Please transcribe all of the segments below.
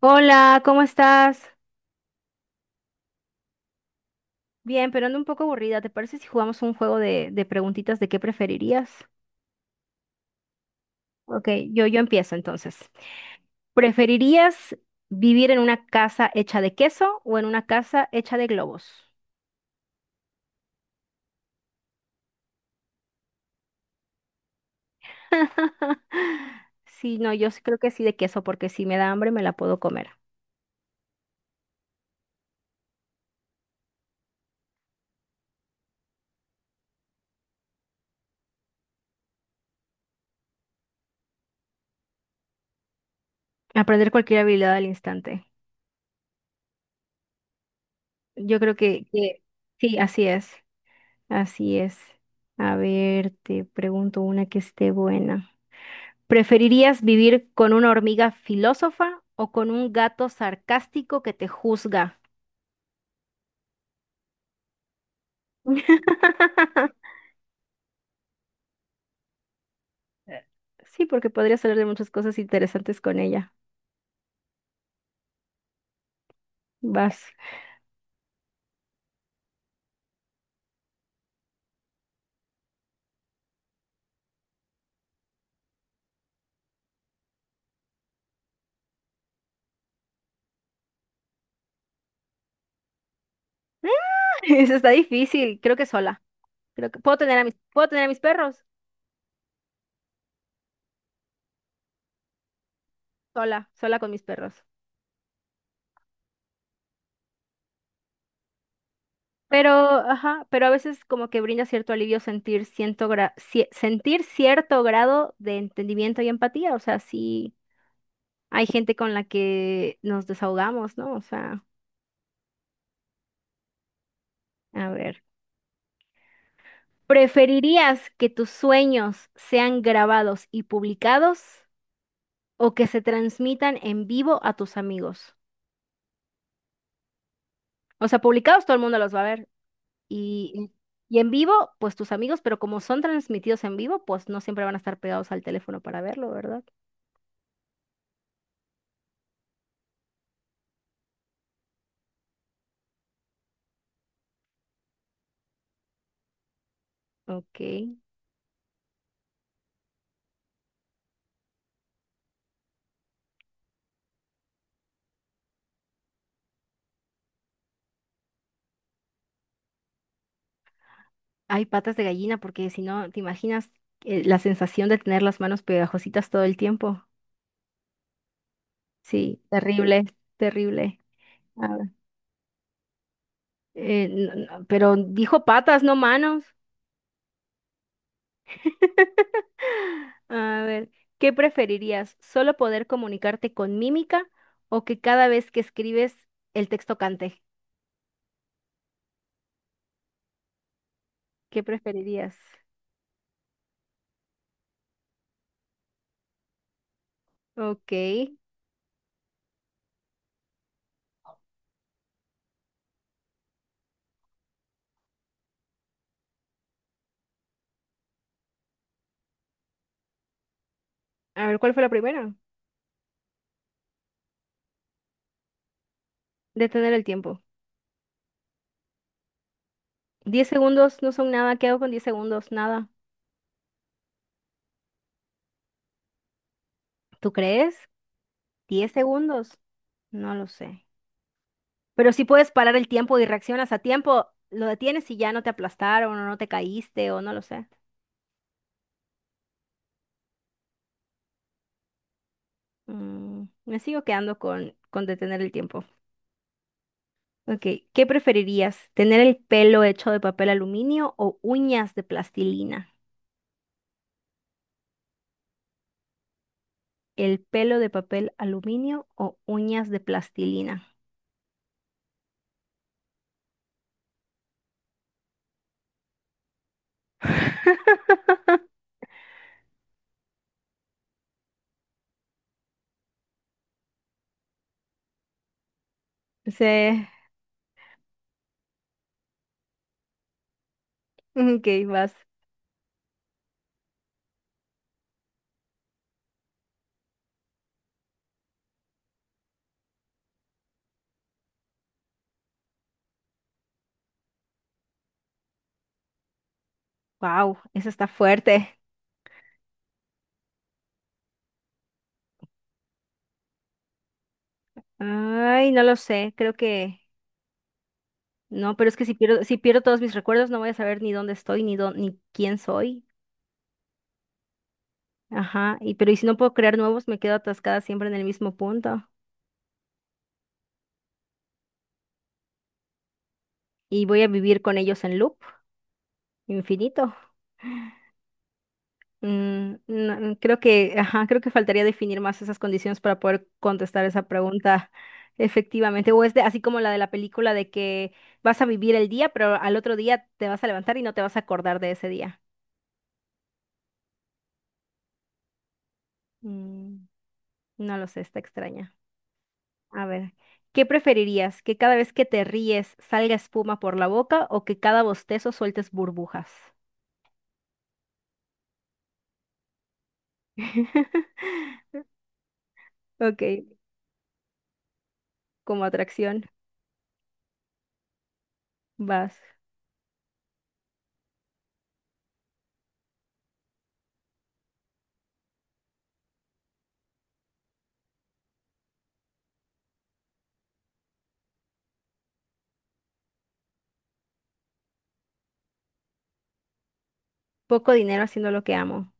Hola, ¿cómo estás? Bien, pero ando un poco aburrida. ¿Te parece si jugamos un juego de preguntitas de qué preferirías? Ok, yo empiezo entonces. ¿Preferirías vivir en una casa hecha de queso o en una casa hecha de globos? Sí, no, yo sí creo que sí de queso, porque si me da hambre me la puedo comer. Aprender cualquier habilidad al instante. Yo creo que sí, así es. Así es. A ver, te pregunto una que esté buena. ¿Preferirías vivir con una hormiga filósofa o con un gato sarcástico que te juzga? Sí, porque podrías hablar de muchas cosas interesantes con ella. Vas. Eso está difícil. Creo que sola. Creo que puedo tener a puedo tener a mis perros sola, sola con mis perros. Pero, ajá, pero a veces como que brinda cierto alivio sentir sentir cierto grado de entendimiento y empatía. O sea, sí hay gente con la que nos desahogamos, ¿no? O sea, a ver. ¿Preferirías que tus sueños sean grabados y publicados o que se transmitan en vivo a tus amigos? O sea, publicados todo el mundo los va a ver y, y en vivo, pues tus amigos, pero como son transmitidos en vivo, pues no siempre van a estar pegados al teléfono para verlo, ¿verdad? Ok. Hay patas de gallina porque si no, ¿te imaginas la sensación de tener las manos pegajositas todo el tiempo? Sí, terrible, terrible. A ver. Pero dijo patas, no manos. A ver, ¿qué preferirías? ¿Solo poder comunicarte con mímica o que cada vez que escribes el texto cante? ¿Qué preferirías? Ok. A ver, ¿cuál fue la primera? Detener el tiempo. Diez segundos no son nada. ¿Qué hago con 10 segundos? Nada. ¿Tú crees? ¿Diez segundos? No lo sé. Pero si puedes parar el tiempo y reaccionas a tiempo, lo detienes y ya no te aplastaron o no te caíste o no lo sé. Mm, me sigo quedando con detener el tiempo. Ok, ¿qué preferirías? ¿Tener el pelo hecho de papel aluminio o uñas de plastilina? ¿El pelo de papel aluminio o uñas de plastilina? Sí, ok, vas. Wow, eso está fuerte. Ay, no lo sé, creo que no, pero es que si pierdo todos mis recuerdos, no voy a saber ni dónde estoy, ni quién soy. Ajá, y pero y si no puedo crear nuevos, me quedo atascada siempre en el mismo punto. Y voy a vivir con ellos en loop, infinito. Mm, no, creo creo que faltaría definir más esas condiciones para poder contestar esa pregunta efectivamente. O es de, así como la de la película de que vas a vivir el día, pero al otro día te vas a levantar y no te vas a acordar de ese día. Mm, no lo sé, está extraña. A ver, ¿qué preferirías? ¿Que cada vez que te ríes salga espuma por la boca o que cada bostezo sueltes burbujas? Ok, como atracción, vas. Poco dinero haciendo lo que amo.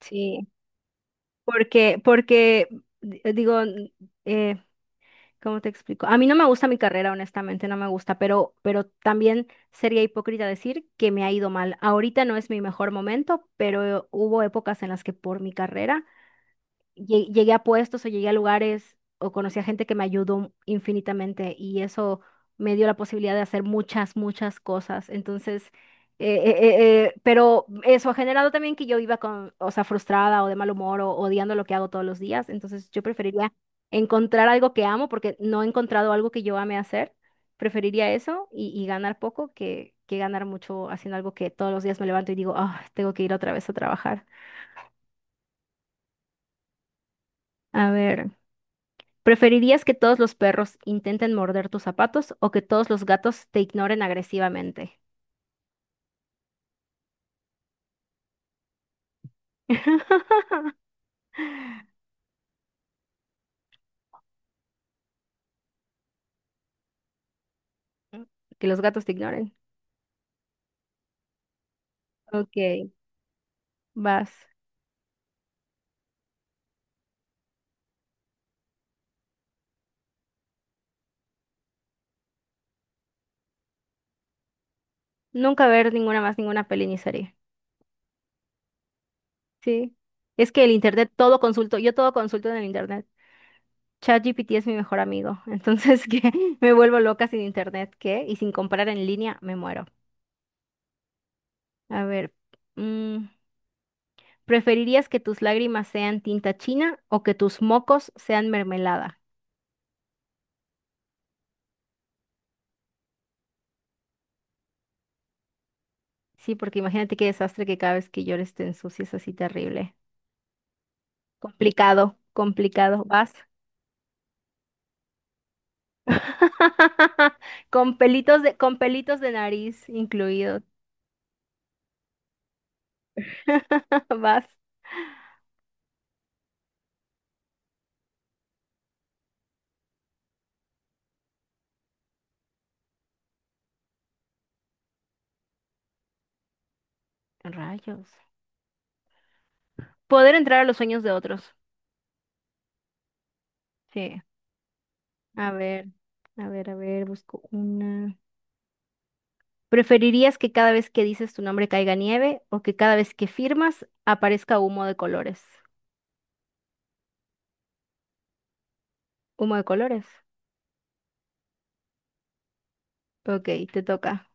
Sí, porque, digo, eh, ¿cómo te explico? A mí no me gusta mi carrera, honestamente, no me gusta, pero también sería hipócrita decir que me ha ido mal. Ahorita no es mi mejor momento, pero hubo épocas en las que por mi carrera llegué a puestos o llegué a lugares o conocí a gente que me ayudó infinitamente y eso me dio la posibilidad de hacer muchas, muchas cosas. Entonces, eh, eh, pero eso ha generado también que yo iba con, o sea, frustrada o de mal humor o odiando lo que hago todos los días. Entonces, yo preferiría encontrar algo que amo porque no he encontrado algo que yo ame hacer. Preferiría eso y ganar poco que ganar mucho haciendo algo que todos los días me levanto y digo, ah, tengo que ir otra vez a trabajar. A ver. ¿Preferirías que todos los perros intenten morder tus zapatos o que todos los gatos te ignoren agresivamente? Que los gatos te ignoren. Ok, vas. Nunca ver ninguna más, ninguna peli ni serie. Sí. Es que el internet, todo consulto, yo todo consulto en el internet. ChatGPT es mi mejor amigo, entonces que me vuelvo loca sin internet, ¿qué? Y sin comprar en línea, me muero. A ver, mm, ¿preferirías que tus lágrimas sean tinta china o que tus mocos sean mermelada? Sí, porque imagínate qué desastre que cada vez que llores te ensucies así terrible. Complicado, complicado. Vas. Con pelitos con pelitos de nariz incluidos. Vas. Rayos. Poder entrar a los sueños de otros. Sí. A ver, a ver, a ver, busco una. ¿Preferirías que cada vez que dices tu nombre caiga nieve o que cada vez que firmas aparezca humo de colores? Humo de colores. Ok, te toca.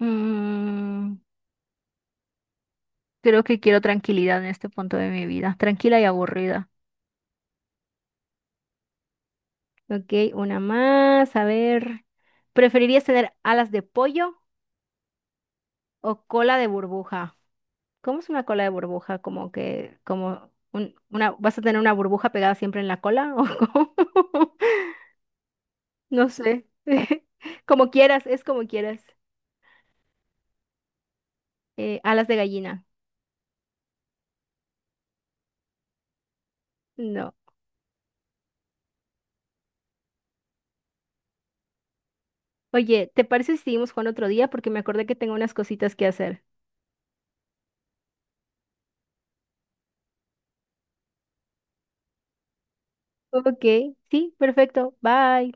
Mm, creo que quiero tranquilidad en este punto de mi vida, tranquila y aburrida. Ok, una más. A ver. ¿Preferirías tener alas de pollo o cola de burbuja? ¿Cómo es una cola de burbuja? Como que, una, ¿vas a tener una burbuja pegada siempre en la cola? ¿O cómo? No sé. Como quieras, es como quieras. Alas de gallina. No. Oye, ¿te parece si seguimos jugando otro día? Porque me acordé que tengo unas cositas que hacer. Ok, sí, perfecto. Bye.